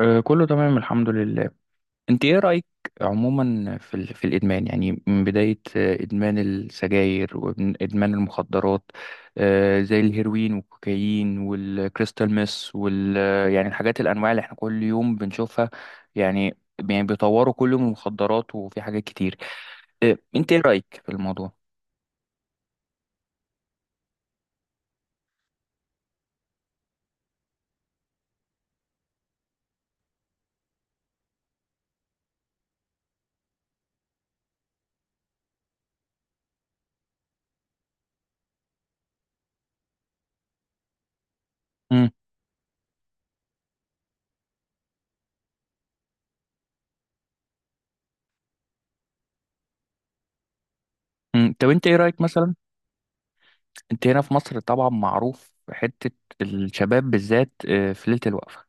كله تمام الحمد لله. انت ايه رأيك عموما في في الادمان، يعني من بداية ادمان السجاير وادمان المخدرات، زي الهيروين والكوكايين والكريستال ميس وال يعني الحاجات الانواع اللي احنا كل يوم بنشوفها. يعني يعني بيطوروا كل يوم المخدرات وفي حاجات كتير. انت ايه رأيك في الموضوع؟ مم. طب انت ايه رأيك مثلا؟ انت هنا في مصر طبعا معروف حتة الشباب بالذات، في ليلة الوقفة،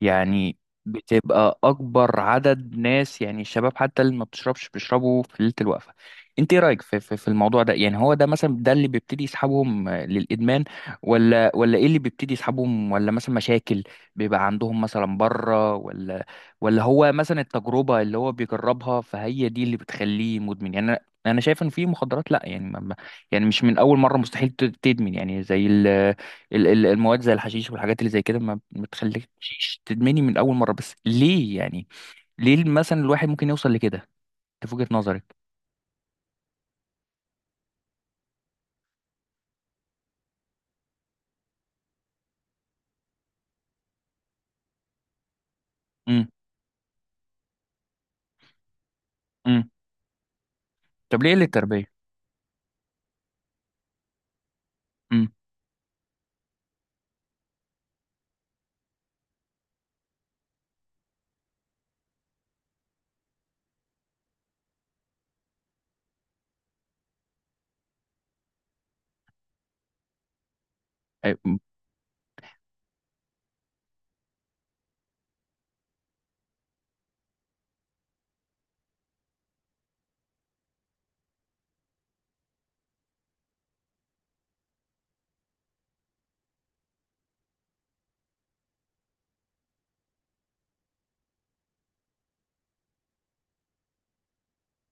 يعني بتبقى اكبر عدد ناس، يعني الشباب حتى اللي ما بتشربش بيشربوا في ليله الوقفه. انت ايه رايك في الموضوع ده؟ يعني هو ده مثلا، ده اللي بيبتدي يسحبهم للادمان؟ ولا ايه اللي بيبتدي يسحبهم؟ ولا مثلا مشاكل بيبقى عندهم مثلا بره؟ ولا ولا هو مثلا التجربه اللي هو بيجربها فهي دي اللي بتخليه مدمن؟ يعني أنا شايف ان في مخدرات لا، يعني يعني مش من اول مره مستحيل تدمن، يعني زي ال المواد، زي الحشيش والحاجات اللي زي كده ما بتخليكش تدمني من اول مره. بس ليه يعني؟ ليه مثلا الواحد ممكن يوصل لكده؟ انت في وجهه نظرك؟ امم. امم. طب ليه قله التربيه؟ امم. أي-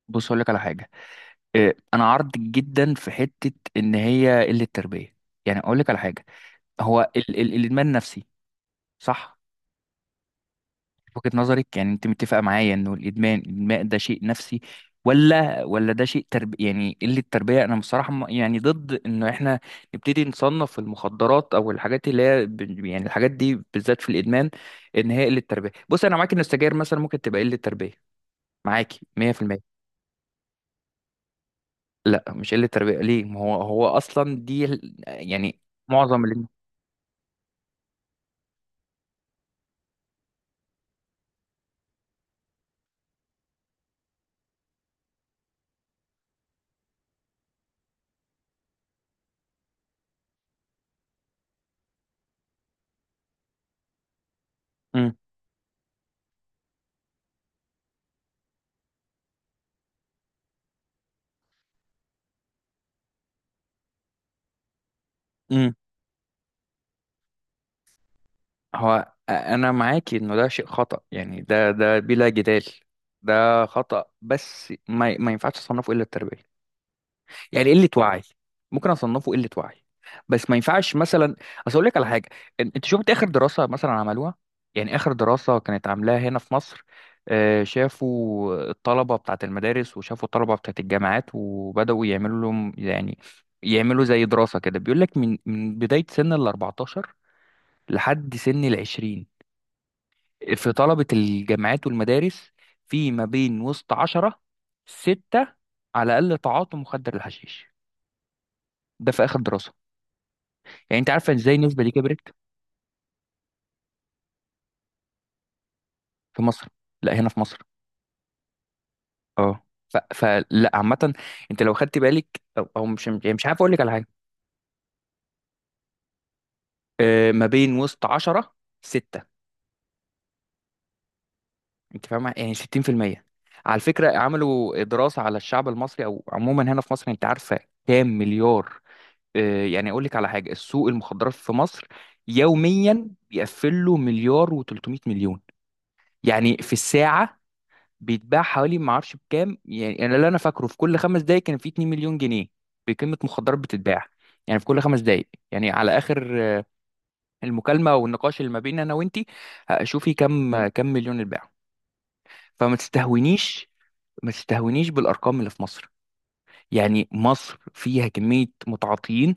بص اقول لك على حاجه، إيه، انا عرض جدا في حته ان هي قله التربيه. يعني اقول لك على حاجه، هو ال الادمان نفسي، صح؟ وجهة نظرك، يعني انت متفقة معايا انه الادمان، الادمان ده شيء نفسي؟ ولا ده شيء ترب، يعني قلة تربية؟ انا بصراحة يعني ضد انه احنا نبتدي نصنف المخدرات او الحاجات اللي هي يعني الحاجات دي بالذات في الادمان ان هي قلة تربية. بص انا معاك ان السجاير مثلا ممكن تبقى قلة تربية، معاكي 100%. لا مش قلة تربية، ليه؟ ما هو هو اصلا دي يعني معظم اللي امم. هو انا معاكي انه ده شيء خطأ، يعني ده ده بلا جدال ده خطأ، بس ما ينفعش اصنفه الا التربية. يعني قلة وعي. ممكن اصنفه قلة وعي، بس ما ينفعش مثلا. اصل اقول لك على حاجة، إن- انت شفت اخر دراسة مثلا عملوها؟ يعني اخر دراسة كانت عاملاها هنا في مصر، شافوا الطلبة بتاعة المدارس وشافوا الطلبة بتاعة الجامعات وبدأوا يعملوا لهم، يعني يعملوا زي دراسة كده، بيقول لك من بداية سن ال 14 لحد سن ال 20، في طلبة الجامعات والمدارس، في ما بين وسط عشرة ستة على الأقل تعاطوا مخدر الحشيش. ده في آخر دراسة، يعني أنت عارفة إزاي النسبة دي كبرت. في مصر. لا هنا في مصر. اه. ف... فلا عامة. أنت لو خدت بالك أو مش يعني مش عارف أقول لك على حاجة. ما بين وسط عشرة ستة. أنت فاهمة؟ يعني 60%. على فكرة عملوا دراسة على الشعب المصري أو عموما هنا في مصر، أنت عارفة كام مليار؟ يعني اقول لك على حاجه، السوق المخدرات في مصر يوميا بيقفل له مليار و300 مليون. يعني في الساعه بيتباع حوالي، ما اعرفش بكام، يعني انا اللي انا فاكره في كل خمس دقائق كان في 2 مليون جنيه بقيمه مخدرات بتتباع. يعني في كل خمس دقائق، يعني على اخر المكالمه والنقاش اللي ما بيننا انا وانتي، شوفي كم مليون اتباع. فما تستهونيش، ما تستهونيش بالارقام اللي في مصر. يعني مصر فيها كمية متعاطيين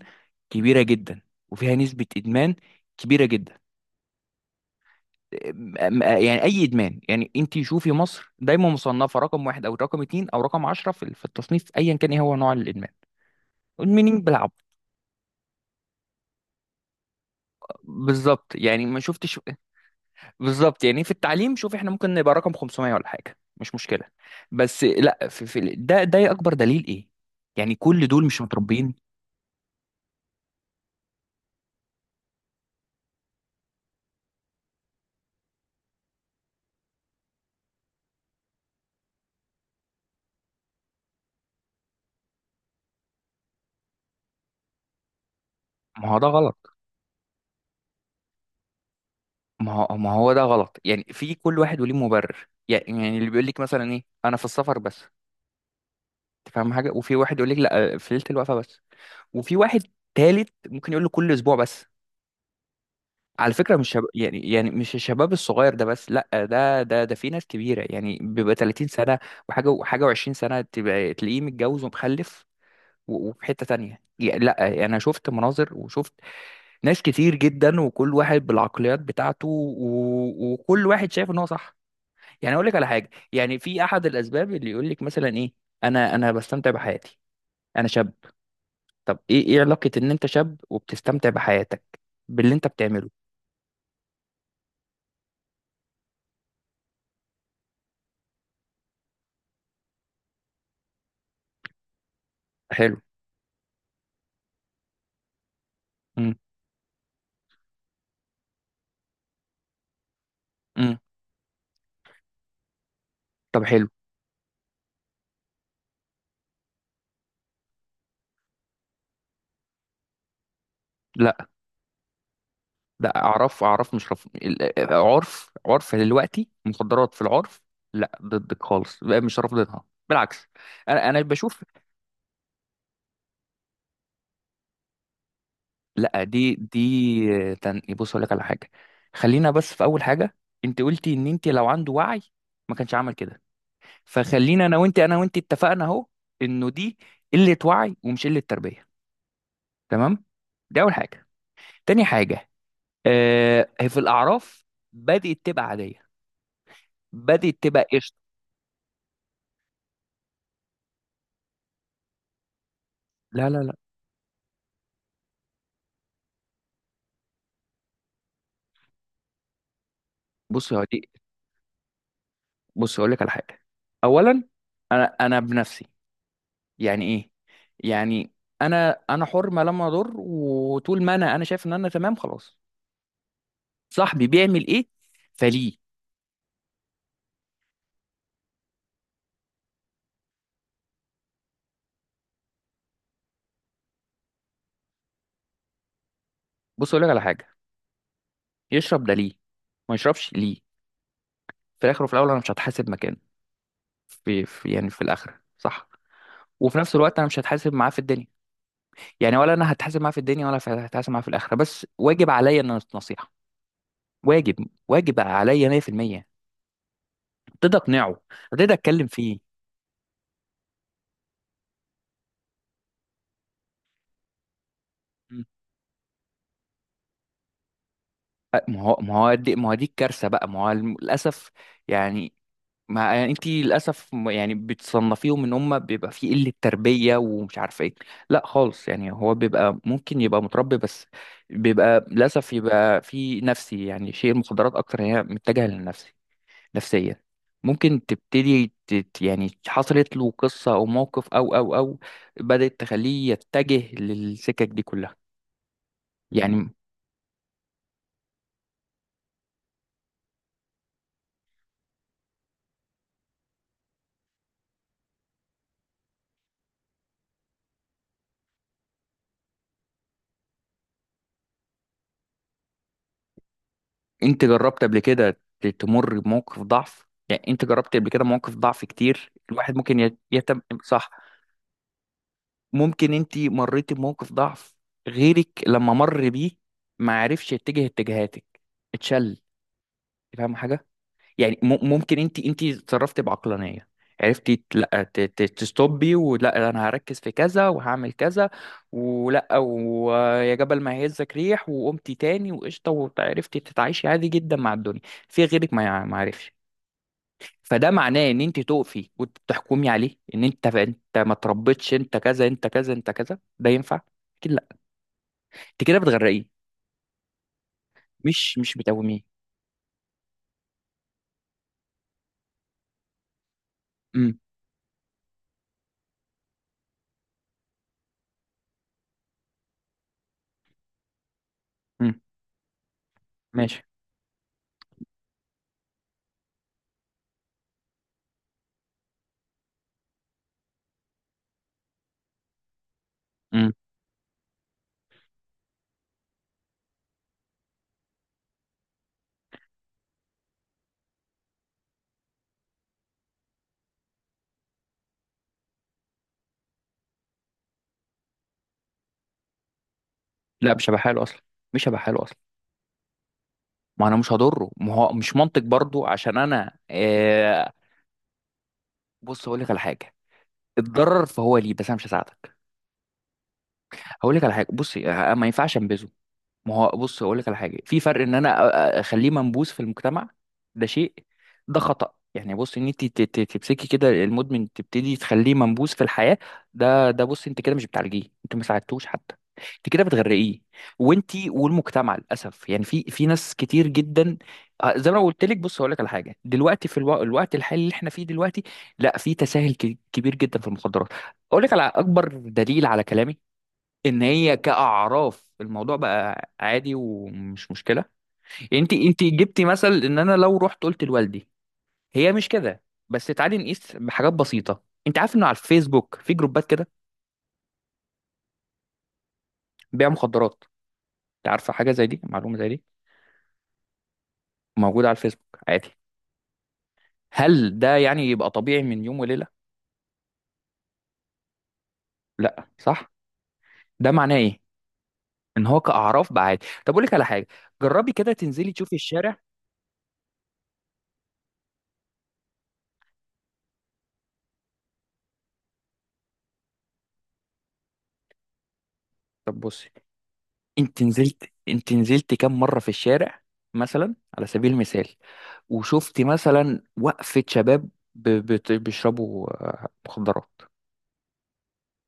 كبيرة جدا، وفيها نسبة إدمان كبيرة جدا. يعني أي إدمان، يعني أنت شوفي مصر دايما مصنفة رقم واحد أو رقم اتنين أو رقم عشرة في في التصنيف أيا كان إيه هو نوع الإدمان. مدمنين بيلعب. بالظبط يعني ما شفتش. بالظبط، يعني في التعليم شوف احنا ممكن نبقى رقم 500 ولا حاجة مش مشكلة، بس لا في في ده أكبر دليل إيه. يعني كل دول مش متربيين. ما هو ده غلط. ما هو ده غلط، يعني في كل واحد وليه مبرر، يعني يعني اللي بيقول لك مثلا ايه: انا في السفر بس. انت فاهم حاجه؟ وفي واحد يقول لك لا، في ليله الوقفه بس. وفي واحد تالت ممكن يقول له كل اسبوع بس. على فكره مش شب... يعني يعني مش الشباب الصغير ده بس، لا، ده ده في ناس كبيره، يعني بيبقى 30 سنه وحاجه وحاجه و20 سنه تبقى تلاقيه متجوز ومخلف. وفي حته تانية، يعني لا انا شفت مناظر وشفت ناس كتير جدا، وكل واحد بالعقليات بتاعته و... وكل واحد شايف ان هو صح. يعني اقول لك على حاجه، يعني في احد الاسباب اللي يقول لك مثلا ايه: انا بستمتع بحياتي، انا شاب. طب ايه ايه علاقه ان انت شاب وبتستمتع بحياتك باللي انت بتعمله؟ حلو. امم. امم. طب حلو. لا لا اعرف اعرف مش رف... عرف عرف دلوقتي مخدرات في العرف لا ضدك خالص، بقى مش رافضينها، بالعكس. انا انا بشوف. لا دي دي تن... بص اقول لك على حاجه، خلينا بس في اول حاجه. انت قلتي ان انت لو عنده وعي ما كانش عمل كده، فخلينا انا وانت اتفقنا اهو انه دي قله وعي ومش قله تربيه، تمام؟ دي اول حاجه. تاني حاجه: آه هي في الاعراف بدات تبقى عاديه، بدات تبقى قشطه. لا بص يا دي، بص اقول لك على حاجه، اولا انا انا بنفسي، يعني ايه؟ يعني انا انا حر ما لم اضر، وطول ما انا انا شايف ان انا تمام خلاص. صاحبي بيعمل ايه؟ فليه؟ بص اقول لك على حاجه، يشرب ده ليه؟ ما يشربش ليه؟ في الاخر وفي الاول انا مش هتحاسب مكانه، في يعني في الاخره، صح. وفي نفس الوقت انا مش هتحاسب معاه في الدنيا، يعني ولا انا هتحاسب معاه في الدنيا ولا هتحاسب معاه في الاخره. بس واجب عليا ان أنا نصيحه، واجب عليا 100%، ابتدي اقنعه، ابتدي اتكلم فيه. مم. أ- ما هو دي ما هو دي الكارثه بقى، ما هو للاسف، يعني ما يعني انت للاسف يعني بتصنفيهم ان هم بيبقى في قله تربيه ومش عارفه ايه. لا خالص، يعني هو بيبقى ممكن يبقى متربي بس بيبقى للاسف يبقى في نفسي، يعني شيء المخدرات اكتر هي متجهه للنفسي، نفسيا. ممكن تبتدي تت يعني حصلت له قصه او موقف او بدات تخليه يتجه للسكك دي كلها. يعني انت جربت قبل كده تمر بموقف ضعف؟ يعني انت جربت قبل كده مواقف ضعف كتير، الواحد ممكن يتم، صح؟ ممكن انت مريتي بموقف ضعف، غيرك لما مر بيه ما عرفش يتجه اتجاهاتك، اتشل، فاهم حاجه؟ يعني ممكن انت انت اتصرفتي بعقلانيه، عرفتي لا تستوبي، ولا انا هركز في كذا وهعمل كذا، ولا ويا جبل ما يهزك ريح، وقمتي تاني وقشطه وعرفتي تتعايشي عادي جدا مع الدنيا. في غيرك ما عرفش. فده معناه ان انت تقفي وتحكمي عليه ان انت انت ما تربيتش، انت كذا انت كذا انت كذا. ده ينفع؟ اكيد لا، انت كده بتغرقيه، مش بتقوميه. امم. امم. ماشي. امم. لا مش هبقى حاله اصلا، مش هبقى حاله اصلا. ما انا مش هضره، ما هو مش منطق برضو عشان انا آه. بص هقول لك على حاجه، اتضرر فهو ليه، بس انا مش هساعدك. هقول لك على حاجه، بصي ما ينفعش انبذه. ما هو بص اقول لك على حاجه، في فرق ان انا اخليه منبوذ في المجتمع، ده شيء. ده خطأ. يعني بص ان انت تمسكي كده المدمن تبتدي تخليه منبوذ في الحياه، ده ده بص انت كده مش بتعالجيه، انت ما ساعدتوش حتى، انت كده بتغرقيه، وانت والمجتمع للاسف. يعني في في ناس كتير جدا، زي ما أنا قلت لك. بص اقول لك على حاجه، دلوقتي في الوقت الحالي اللي احنا فيه دلوقتي لا في تساهل كبير جدا في المخدرات. اقول لك على اكبر دليل على كلامي، ان هي كاعراف الموضوع بقى عادي ومش مشكله. يعني انت انت جبتي مثل ان انا لو رحت قلت لوالدي، هي مش كده. بس تعالي نقيس بحاجات بسيطه: انت عارف انه على الفيسبوك في جروبات كده بيع مخدرات؟ انت عارفه حاجه زي دي؟ معلومه زي دي موجوده على الفيسبوك عادي. هل ده يعني يبقى طبيعي من يوم وليله؟ لا، صح؟ ده معناه ايه؟ ان هو كاعراف بقى عادي. طب اقول لك على حاجه، جربي كده تنزلي تشوفي الشارع. طب بصي، انت نزلت كام مره في الشارع مثلا على سبيل المثال، وشفت مثلا وقفة شباب بيشربوا مخدرات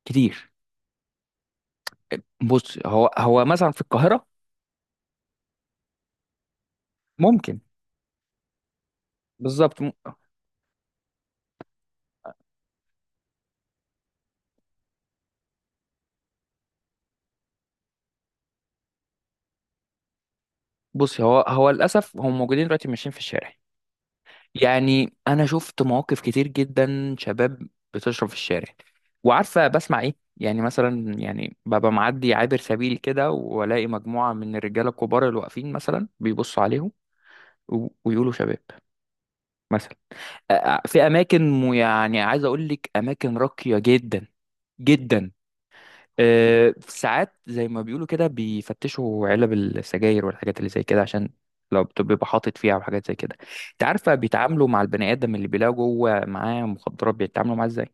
كتير؟ بص هو هو مثلا في القاهرة ممكن. بالظبط بص هو هو للأسف هم موجودين دلوقتي ماشيين في الشارع. يعني أنا شفت مواقف كتير جدا، شباب بتشرب في الشارع. وعارفة بسمع إيه؟ يعني مثلا يعني ببقى معدي عابر سبيل كده، وألاقي مجموعة من الرجالة الكبار اللي واقفين مثلا بيبصوا عليهم، ويقولوا شباب، مثلا. في اماكن يعني عايز اقول لك اماكن راقيه جدا جدا، ساعات زي ما بيقولوا كده بيفتشوا علب السجاير والحاجات اللي زي كده، عشان لو بيبقى حاطط فيها وحاجات زي كده. انت عارفه بيتعاملوا مع البني ادم اللي بيلاقوا جوه معاه مخدرات، بيتعاملوا معاه ازاي؟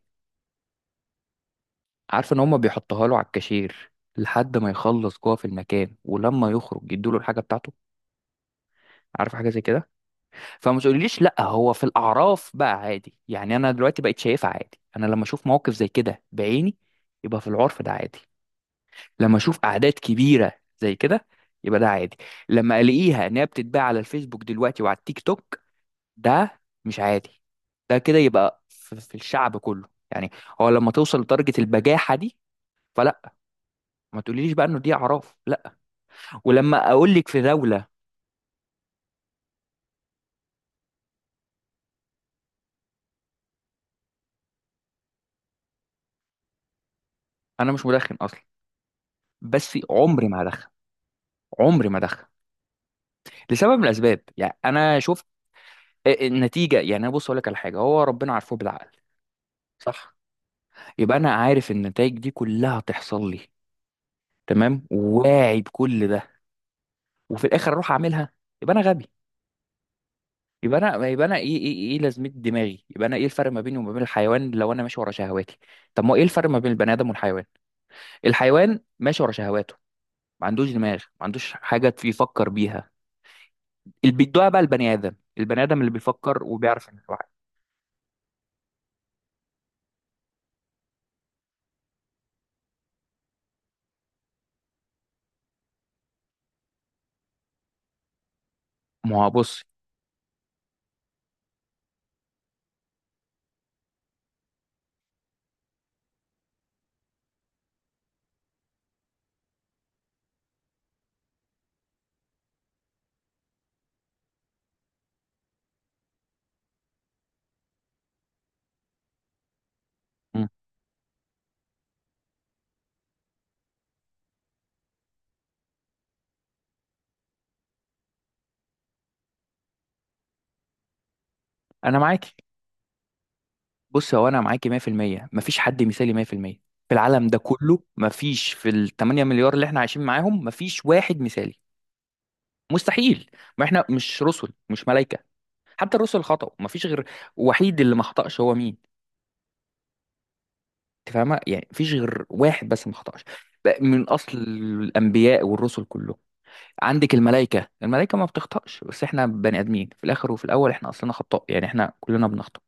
عارفه ان هم بيحطها له على الكاشير لحد ما يخلص جوه في المكان، ولما يخرج يدوا له الحاجه بتاعته. عارفه حاجه زي كده؟ فما تقوليليش لا هو في الاعراف بقى عادي. يعني انا دلوقتي بقيت شايفها عادي، انا لما اشوف موقف زي كده بعيني يبقى في العرف ده عادي. لما اشوف اعداد كبيره زي كده يبقى ده عادي. لما الاقيها ان هي بتتباع على الفيسبوك دلوقتي وعلى التيك توك، ده مش عادي، ده كده يبقى في في الشعب كله، يعني هو لما توصل لدرجه البجاحه دي فلا، ما تقوليليش بقى انه دي اعراف لا. ولما اقول لك في دوله، انا مش مدخن اصلا، بس عمري ما هدخن، عمري ما ادخن، لسبب من الاسباب. يعني انا شفت النتيجه. يعني انا بص اقول لك على حاجه، هو ربنا عارفه بالعقل، صح؟ يبقى انا عارف النتائج دي كلها هتحصل لي، تمام، واعي بكل ده، وفي الاخر اروح اعملها؟ يبقى انا غبي. يبقى انا ايه ايه ايه إيه لازمه دماغي؟ يبقى انا ايه الفرق ما بيني وما بين الحيوان لو انا ماشي ورا شهواتي؟ طب ما هو ايه الفرق ما بين البني ادم والحيوان؟ الحيوان ماشي ورا شهواته، ما عندوش دماغ، ما عندوش حاجه يفكر بيها. اللي بيدوها بقى البني ادم، البني ادم اللي بيفكر وبيعرف إنه واحد. ما هو بص. مم. انا معاك. بص هو انا معاكي 100%، مفيش حد مثالي 100% في المية، في العالم ده كله مفيش، في ال 8 مليار اللي احنا عايشين معاهم مفيش واحد مثالي، مستحيل. ما احنا مش رسل مش ملائكة، حتى الرسل خطأوا، مفيش غير وحيد اللي ما خطأش، هو مين؟ انت فاهمة؟ يعني مفيش غير واحد بس ما خطأش بقى من اصل الانبياء والرسل كله. عندك الملائكة، الملائكة ما بتخطأش، بس احنا بني ادمين في الاخر وفي الاول، احنا اصلنا خطاء، يعني احنا كلنا بنخطأ.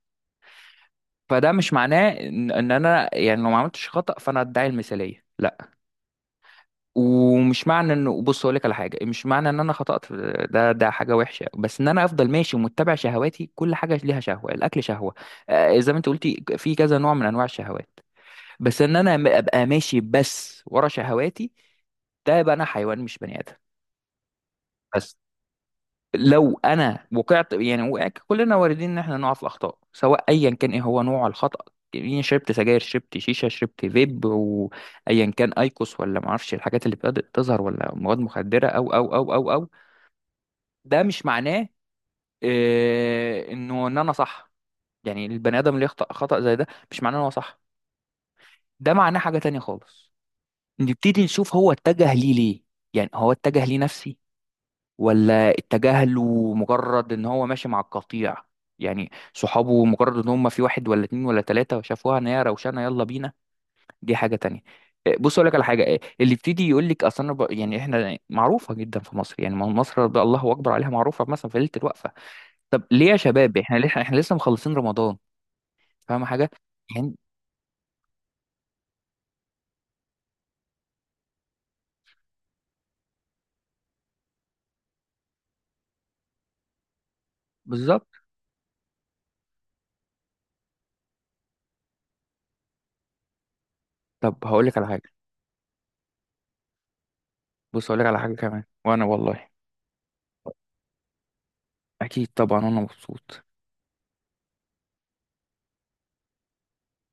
فده مش معناه ان إن انا يعني لو ما عملتش خطأ فانا ادعي المثالية، ومش معنى انه بص اقول لك على حاجه، مش معنى ان انا خطأت ده ده حاجه وحشه بس ان انا افضل ماشي ومتبع شهواتي. كل حاجه ليها شهوه، الاكل شهوه، زي ما انت قلتي في كذا نوع من انواع الشهوات، بس ان انا ابقى ماشي بس ورا شهواتي؟ ده يبقى انا حيوان مش بني ادم. بس لو انا وقعت، يعني وقع، كلنا واردين ان احنا نقع في الاخطاء، سواء ايا كان ايه هو نوع الخطأ، يعني شربت سجاير، شربت شيشه، شربت فيب، وايا كان ايكوس، ولا ما اعرفش الحاجات اللي بدأت تظهر، ولا مواد مخدره او ده مش معناه انه ان انا صح. يعني البني ادم اللي يخطأ خطأ زي ده مش معناه ان هو صح، ده معناه حاجه تانية خالص. نبتدي نشوف هو اتجه ليه ليه؟ يعني هو اتجه ليه نفسي، ولا اتجاهله مجرد ان هو ماشي مع القطيع؟ يعني صحابه مجرد ان هم في واحد ولا اتنين ولا تلاتة شافوها ان هي روشانة يلا بينا، دي حاجة تانية. إيه، بص اقول لك على حاجة، إيه، اللي يبتدي يقول لك اصل انا يعني احنا معروفة جدا في مصر، يعني ما مصر ده الله اكبر عليها، معروفة مثلا في ليلة الوقفة. طب ليه يا شباب احنا ليه احنا لسه مخلصين رمضان؟ فاهم حاجة؟ يعني بالظبط. طب هقول لك على حاجة، بص اقول لك على حاجة كمان، وانا والله اكيد طبعا انا مبسوط.